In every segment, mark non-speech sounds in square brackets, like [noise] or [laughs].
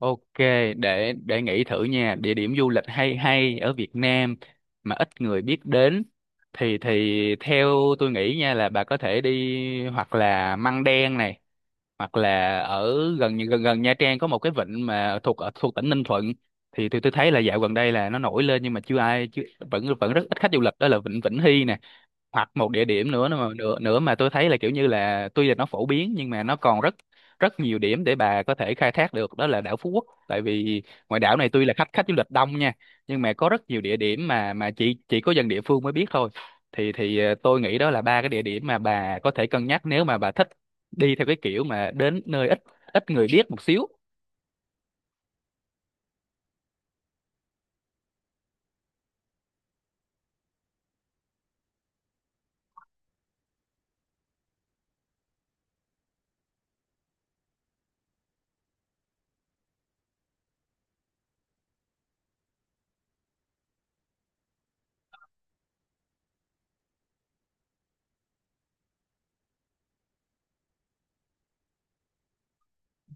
Ok, để nghĩ thử nha, địa điểm du lịch hay hay ở Việt Nam mà ít người biết đến thì theo tôi nghĩ nha, là bà có thể đi hoặc là Măng Đen này, hoặc là ở gần gần gần Nha Trang có một cái vịnh mà thuộc ở thuộc tỉnh Ninh Thuận. Thì tôi thấy là dạo gần đây là nó nổi lên, nhưng mà chưa ai chưa vẫn vẫn rất ít khách du lịch, đó là vịnh Vĩnh Hy nè. Hoặc một địa điểm nữa mà nữa mà tôi thấy là kiểu như là tuy là nó phổ biến nhưng mà nó còn rất rất nhiều điểm để bà có thể khai thác được, đó là đảo Phú Quốc. Tại vì ngoài đảo này tuy là khách khách du lịch đông nha, nhưng mà có rất nhiều địa điểm mà chỉ có dân địa phương mới biết thôi. Thì tôi nghĩ đó là ba cái địa điểm mà bà có thể cân nhắc, nếu mà bà thích đi theo cái kiểu mà đến nơi ít ít người biết một xíu.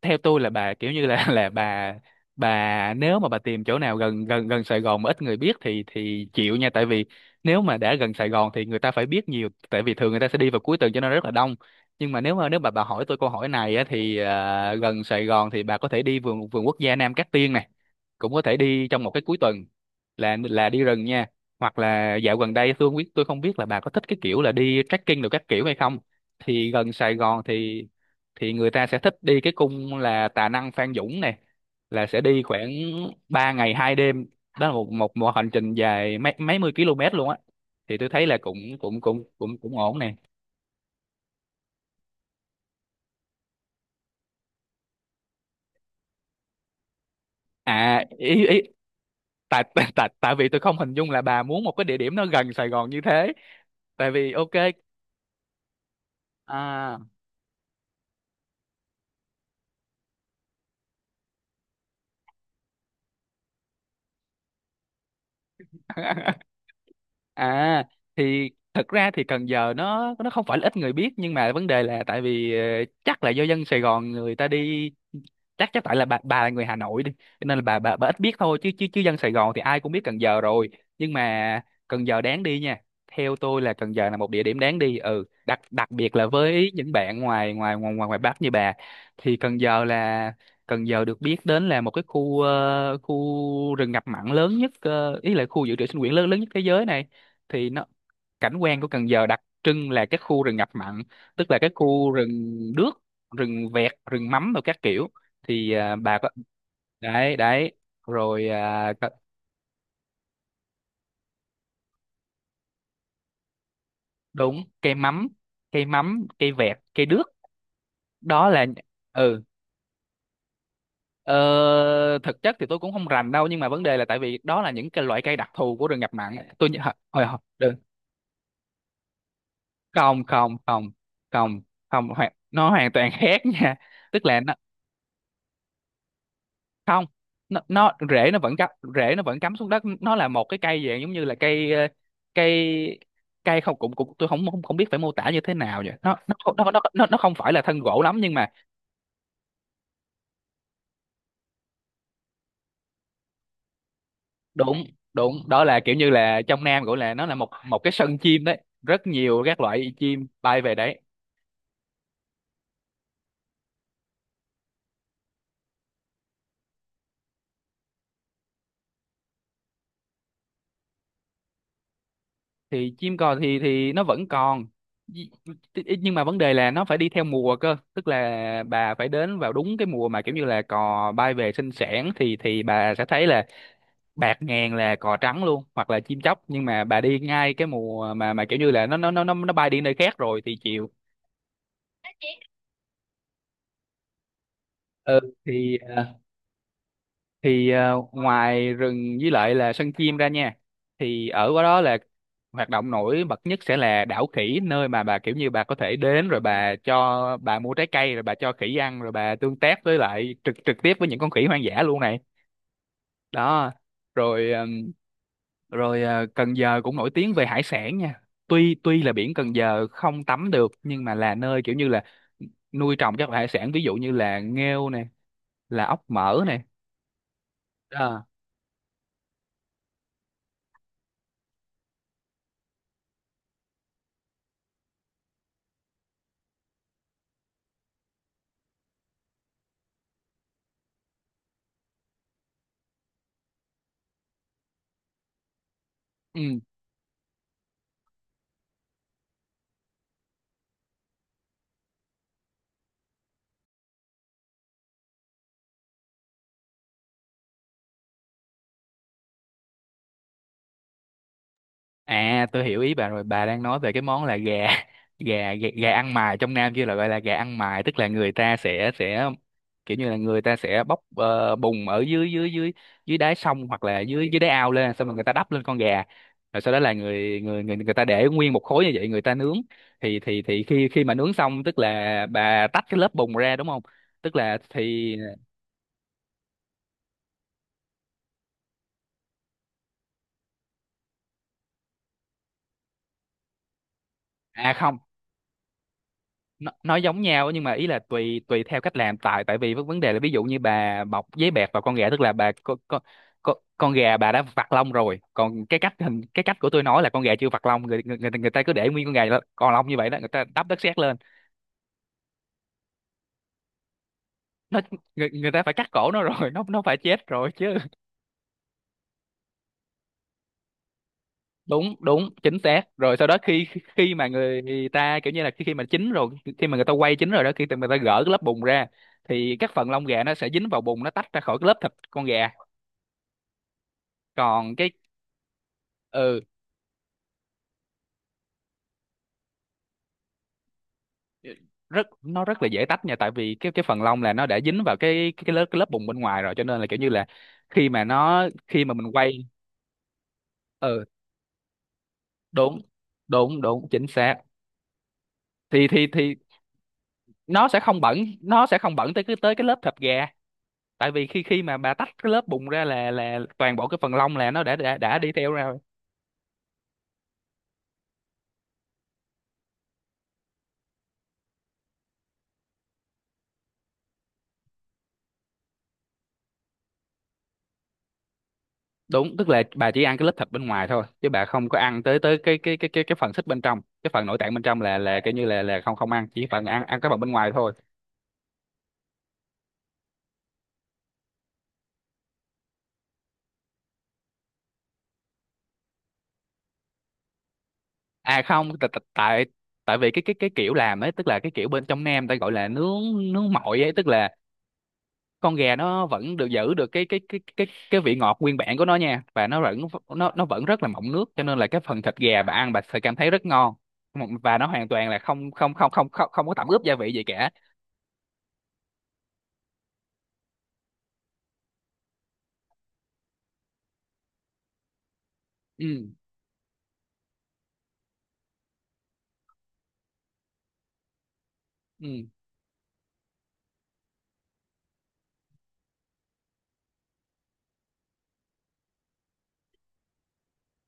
Theo tôi là bà kiểu như là [laughs] là bà nếu mà bà tìm chỗ nào gần gần gần Sài Gòn mà ít người biết thì chịu nha, tại vì nếu mà đã gần Sài Gòn thì người ta phải biết nhiều, tại vì thường người ta sẽ đi vào cuối tuần cho nên rất là đông. Nhưng mà nếu mà bà hỏi tôi câu hỏi này á thì gần Sài Gòn thì bà có thể đi vườn vườn quốc gia Nam Cát Tiên này, cũng có thể đi trong một cái cuối tuần, là đi rừng nha. Hoặc là dạo gần đây tôi không biết, là bà có thích cái kiểu là đi trekking được các kiểu hay không. Thì gần Sài Gòn thì người ta sẽ thích đi cái cung là Tà Năng Phan Dũng này, là sẽ đi khoảng 3 ngày 2 đêm. Đó là một một một hành trình dài mấy mấy mươi km luôn á. Thì tôi thấy là cũng cũng cũng cũng cũng ổn nè. À ý ý tại tại tại tại vì tôi không hình dung là bà muốn một cái địa điểm nó gần Sài Gòn như thế. Tại vì ok. à [laughs] à thì thật ra thì Cần Giờ nó không phải là ít người biết, nhưng mà vấn đề là tại vì chắc là do dân Sài Gòn người ta đi. Chắc chắc tại là bà là người Hà Nội đi cho nên là bà ít biết thôi, chứ chứ chứ dân Sài Gòn thì ai cũng biết Cần Giờ rồi. Nhưng mà Cần Giờ đáng đi nha, theo tôi là Cần Giờ là một địa điểm đáng đi, ừ, đặc đặc biệt là với những bạn ngoài ngoài ngoài ngoài ngoài Bắc như bà. Thì Cần Giờ là Cần Giờ được biết đến là một cái khu rừng ngập mặn lớn nhất, ý là khu dự trữ sinh quyển lớn lớn nhất thế giới này. Thì nó Cảnh quan của Cần Giờ đặc trưng là cái khu rừng ngập mặn, tức là cái khu rừng đước, rừng vẹt, rừng mắm rồi các kiểu. Bà có đấy đấy rồi à, có- đúng, cây mắm cây vẹt cây đước, đó là. ừ ờ, Thực chất thì tôi cũng không rành đâu, nhưng mà vấn đề là tại vì đó là những cái loại cây đặc thù của rừng ngập mặn. Hồi hồi đừng Không, không, không, không, không, nó hoàn toàn khác nha. Tức là không, nó rễ nó vẫn cắm, xuống đất. Nó là một cái cây dạng giống như là cây, cây cây không cũng cũng tôi không không, không biết phải mô tả như thế nào vậy. Nó không phải là thân gỗ lắm, nhưng mà đụng đụng đó là kiểu như là trong Nam gọi là, nó là một một cái sân chim đấy, rất nhiều các loại chim bay về đấy. Thì chim cò thì nó vẫn còn, Nhi- nhưng mà vấn đề là nó phải đi theo mùa cơ, tức là bà phải đến vào đúng cái mùa mà kiểu như là cò bay về sinh sản thì bà sẽ thấy là bạc ngàn là cò trắng luôn, hoặc là chim chóc. Nhưng mà bà đi ngay cái mùa mà kiểu như là nó bay đi nơi khác rồi thì chịu. Ừ, thì ờ, thì ngoài rừng với lại là sân chim ra nha, thì ở qua đó là hoạt động nổi bật nhất sẽ là đảo khỉ, nơi mà bà kiểu như bà có thể đến rồi bà, cho bà mua trái cây rồi bà cho khỉ ăn, rồi bà tương tác với lại trực trực tiếp với những con khỉ hoang dã luôn này. Đó, rồi. Cần Giờ cũng nổi tiếng về hải sản nha. Tuy tuy là biển Cần Giờ không tắm được, nhưng mà là nơi kiểu như là nuôi trồng các loại hải sản, ví dụ như là nghêu nè, là ốc mỡ nè. à. À, tôi hiểu ý bà rồi. Bà đang nói về cái món là gà, [laughs] Gà gà, gà ăn mài. Trong Nam kia là gọi là gà ăn mài. Tức là người ta sẽ kiểu như là người ta sẽ bóc bùn ở dưới dưới dưới dưới đáy sông, hoặc là dưới dưới đáy ao lên, xong rồi người ta đắp lên con gà, rồi sau đó là người người người người ta để nguyên một khối như vậy người ta nướng. Thì khi khi mà nướng xong tức là bà tách cái lớp bùn ra, đúng không? Tức là thì, à không, nó, nó giống nhau, nhưng mà ý là tùy tùy theo cách làm. Tại tại vì vấn vấn đề là, ví dụ như bà bọc giấy bẹt vào con gà, tức là bà, con gà bà đã vặt lông rồi. Còn cái cách, hình cái cách của tôi nói là con gà chưa vặt lông, người ta cứ để nguyên con gà đó, còn lông như vậy đó, người ta đắp đất sét lên nó. Người ta phải cắt cổ nó rồi [laughs] nó phải chết rồi chứ. Đúng, đúng chính xác. Rồi sau đó khi, khi mà người ta kiểu như là, khi khi mà chín rồi, khi mà người ta quay chín rồi đó, khi mà người ta gỡ cái lớp bùn ra thì các phần lông gà nó sẽ dính vào bùn, nó tách ra khỏi cái lớp thịt con gà. Còn cái, ừ, rất, nó rất là dễ tách nha, tại vì cái phần lông là nó đã dính vào cái lớp bùn bên ngoài rồi, cho nên là kiểu như là, khi mà mình quay. Ừ, đúng đúng đúng chính xác. Thì nó sẽ không bẩn, nó sẽ không bẩn tới cái, tới cái lớp thịt gà, tại vì khi khi mà bà tách cái lớp bùn ra là toàn bộ cái phần lông là nó đã đi theo ra rồi. Đúng, tức là bà chỉ ăn cái lớp thịt bên ngoài thôi, chứ bà không có ăn tới tới cái phần xích bên trong, cái phần nội tạng bên trong là kiểu như là không không ăn, chỉ phần ăn ăn cái phần bên ngoài thôi. À không, tại tại tại tại vì cái kiểu làm ấy, tức là cái kiểu bên trong Nam ta gọi là nướng, nướng mọi ấy, tức là con gà nó vẫn được giữ được cái vị ngọt nguyên bản của nó nha, và nó vẫn rất là mọng nước, cho nên là cái phần thịt gà bà ăn bà sẽ cảm thấy rất ngon, và nó hoàn toàn là không không không không không không có tẩm ướp gia vị gì cả. Ừ, ừ.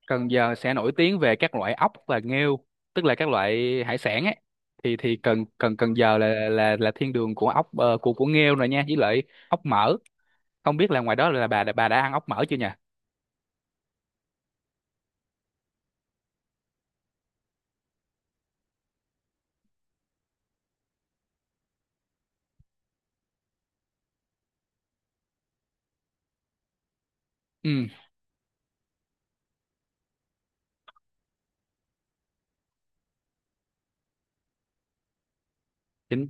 Cần Giờ sẽ nổi tiếng về các loại ốc và nghêu, tức là các loại hải sản ấy. Thì Cần Cần Cần Giờ là thiên đường của ốc, ờ, của nghêu rồi nha, với lại ốc mỡ. Không biết là ngoài đó là bà đã ăn ốc mỡ chưa nhỉ? Ừ, chính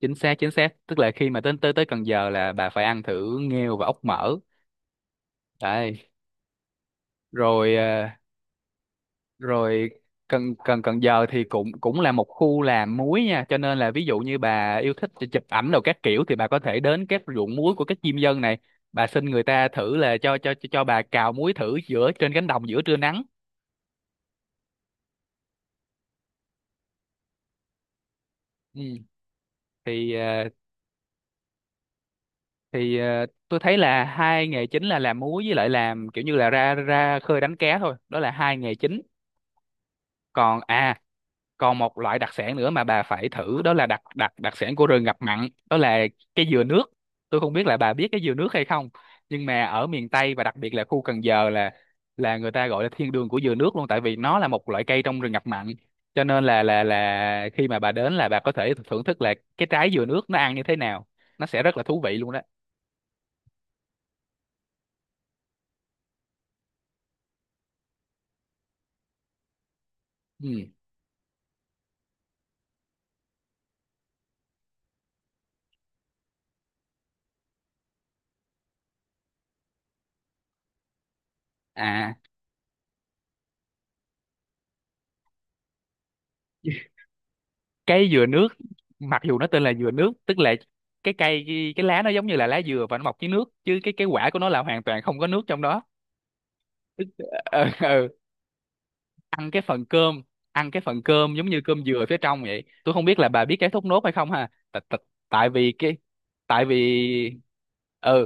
chính xác chính xác tức là khi mà tới tới tới Cần Giờ là bà phải ăn thử nghêu và ốc mỡ, đấy. rồi ờ, Rồi, Cần Cần Cần Giờ thì cũng cũng là một khu làm muối nha, cho nên là ví dụ như bà yêu thích chụp ảnh đồ các kiểu thì bà có thể đến các ruộng muối của các diêm dân này. Bà xin người ta thử là cho bà cào muối thử giữa trên cánh đồng giữa trưa nắng. Ừ. thì ờ, thì tôi thấy là hai nghề chính là làm múa với lại làm kiểu như là ra ra khơi đánh cá thôi, đó là hai nghề chính. Còn à, còn một loại đặc sản nữa mà bà phải thử, đó là đặc đặc đặc sản của rừng ngập mặn, đó là cái dừa nước. Tôi không biết là bà biết cái dừa nước hay không, nhưng mà ở miền Tây và đặc biệt là khu Cần Giờ là người ta gọi là thiên đường của dừa nước luôn, tại vì nó là một loại cây trong rừng ngập mặn, cho nên là khi mà bà đến là bà có thể thưởng thức là cái trái dừa nước nó ăn như thế nào. Nó sẽ rất là thú vị luôn đó. Ừ. À, cái dừa nước, mặc dù nó tên là dừa nước, tức là cái cây cái lá nó giống như là lá dừa và nó mọc dưới nước, chứ cái quả của nó là hoàn toàn không có nước trong đó. Tức- ờ, [laughs] ờ, ăn cái phần cơm. Ăn cái phần cơm giống như cơm dừa phía trong vậy. Tôi không biết là bà biết cái thốt nốt hay không ha. Tại vì cái, tại vì ừ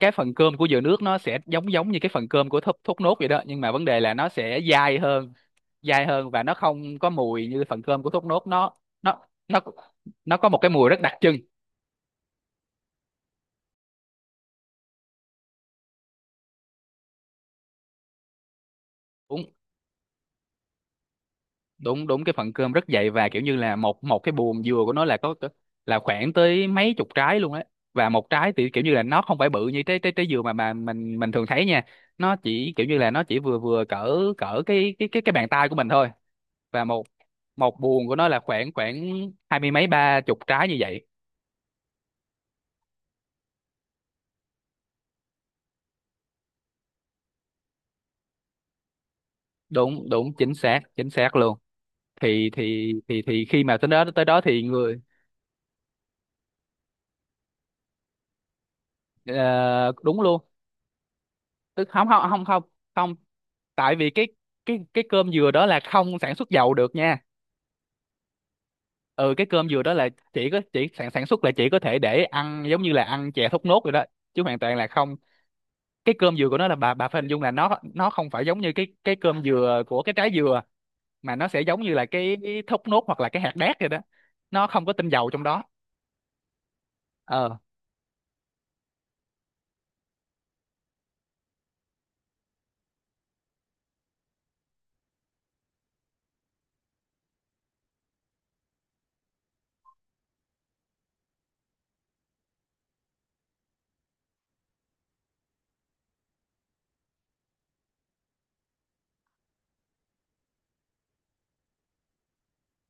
cái phần cơm của dừa nước nó sẽ giống giống như cái phần cơm của thốt nốt vậy đó, nhưng mà vấn đề là nó sẽ dai hơn. Dai hơn và nó không có mùi như phần cơm của thốt nốt. Nó nó nó nó có một cái mùi rất đặc trưng. Đúng đúng đúng, cái phần cơm rất dày và kiểu như là một một cái buồm dừa của nó là là khoảng tới mấy chục trái luôn á. Và một trái thì kiểu như là nó không phải bự như trái trái trái dừa mà mình thường thấy nha. Nó chỉ kiểu như là nó chỉ vừa vừa cỡ cỡ cái bàn tay của mình thôi. Và một một buồng của nó là khoảng khoảng hai mươi mấy ba chục trái như vậy. Đúng đúng chính xác, chính xác luôn. Thì khi mà tới đó, tới đó thì người ờ, đúng luôn. Tức không không không không không, tại vì cái cái cơm dừa đó là không sản xuất dầu được nha. Ừ, cái cơm dừa đó là chỉ có, chỉ sản sản xuất là chỉ có thể để ăn, giống như là ăn chè thốt nốt rồi đó, chứ hoàn toàn là không. Cái cơm dừa của nó là bà phải hình dung là nó không phải giống như cái cơm dừa của cái trái dừa, mà nó sẽ giống như là cái thốt nốt hoặc là cái hạt đác rồi đó. Nó không có tinh dầu trong đó. Ờ,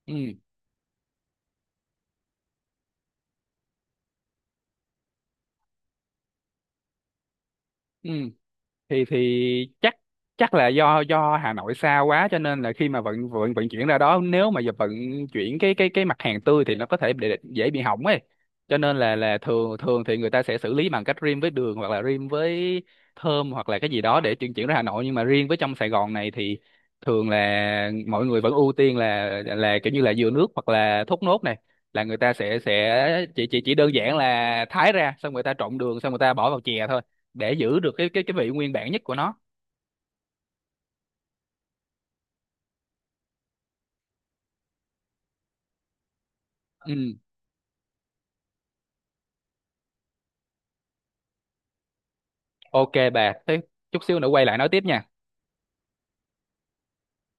ừ, ừ, thì chắc, chắc là do do Hà Nội xa quá, cho nên là khi mà vận vận vận chuyển ra đó, nếu mà giờ vận chuyển cái mặt hàng tươi thì nó có thể bị, dễ bị hỏng ấy, cho nên là thường thường thì người ta sẽ xử lý bằng cách rim với đường hoặc là rim với thơm hoặc là cái gì đó để chuyển chuyển ra Hà Nội. Nhưng mà riêng với trong Sài Gòn này thì thường là mọi người vẫn ưu tiên là kiểu như là dừa nước hoặc là thốt nốt này, là người ta sẽ chỉ đơn giản là thái ra, xong người ta trộn đường, xong người ta bỏ vào chè thôi, để giữ được cái vị nguyên bản nhất của nó. Ừ, ok bà, thế chút xíu nữa quay lại nói tiếp nha.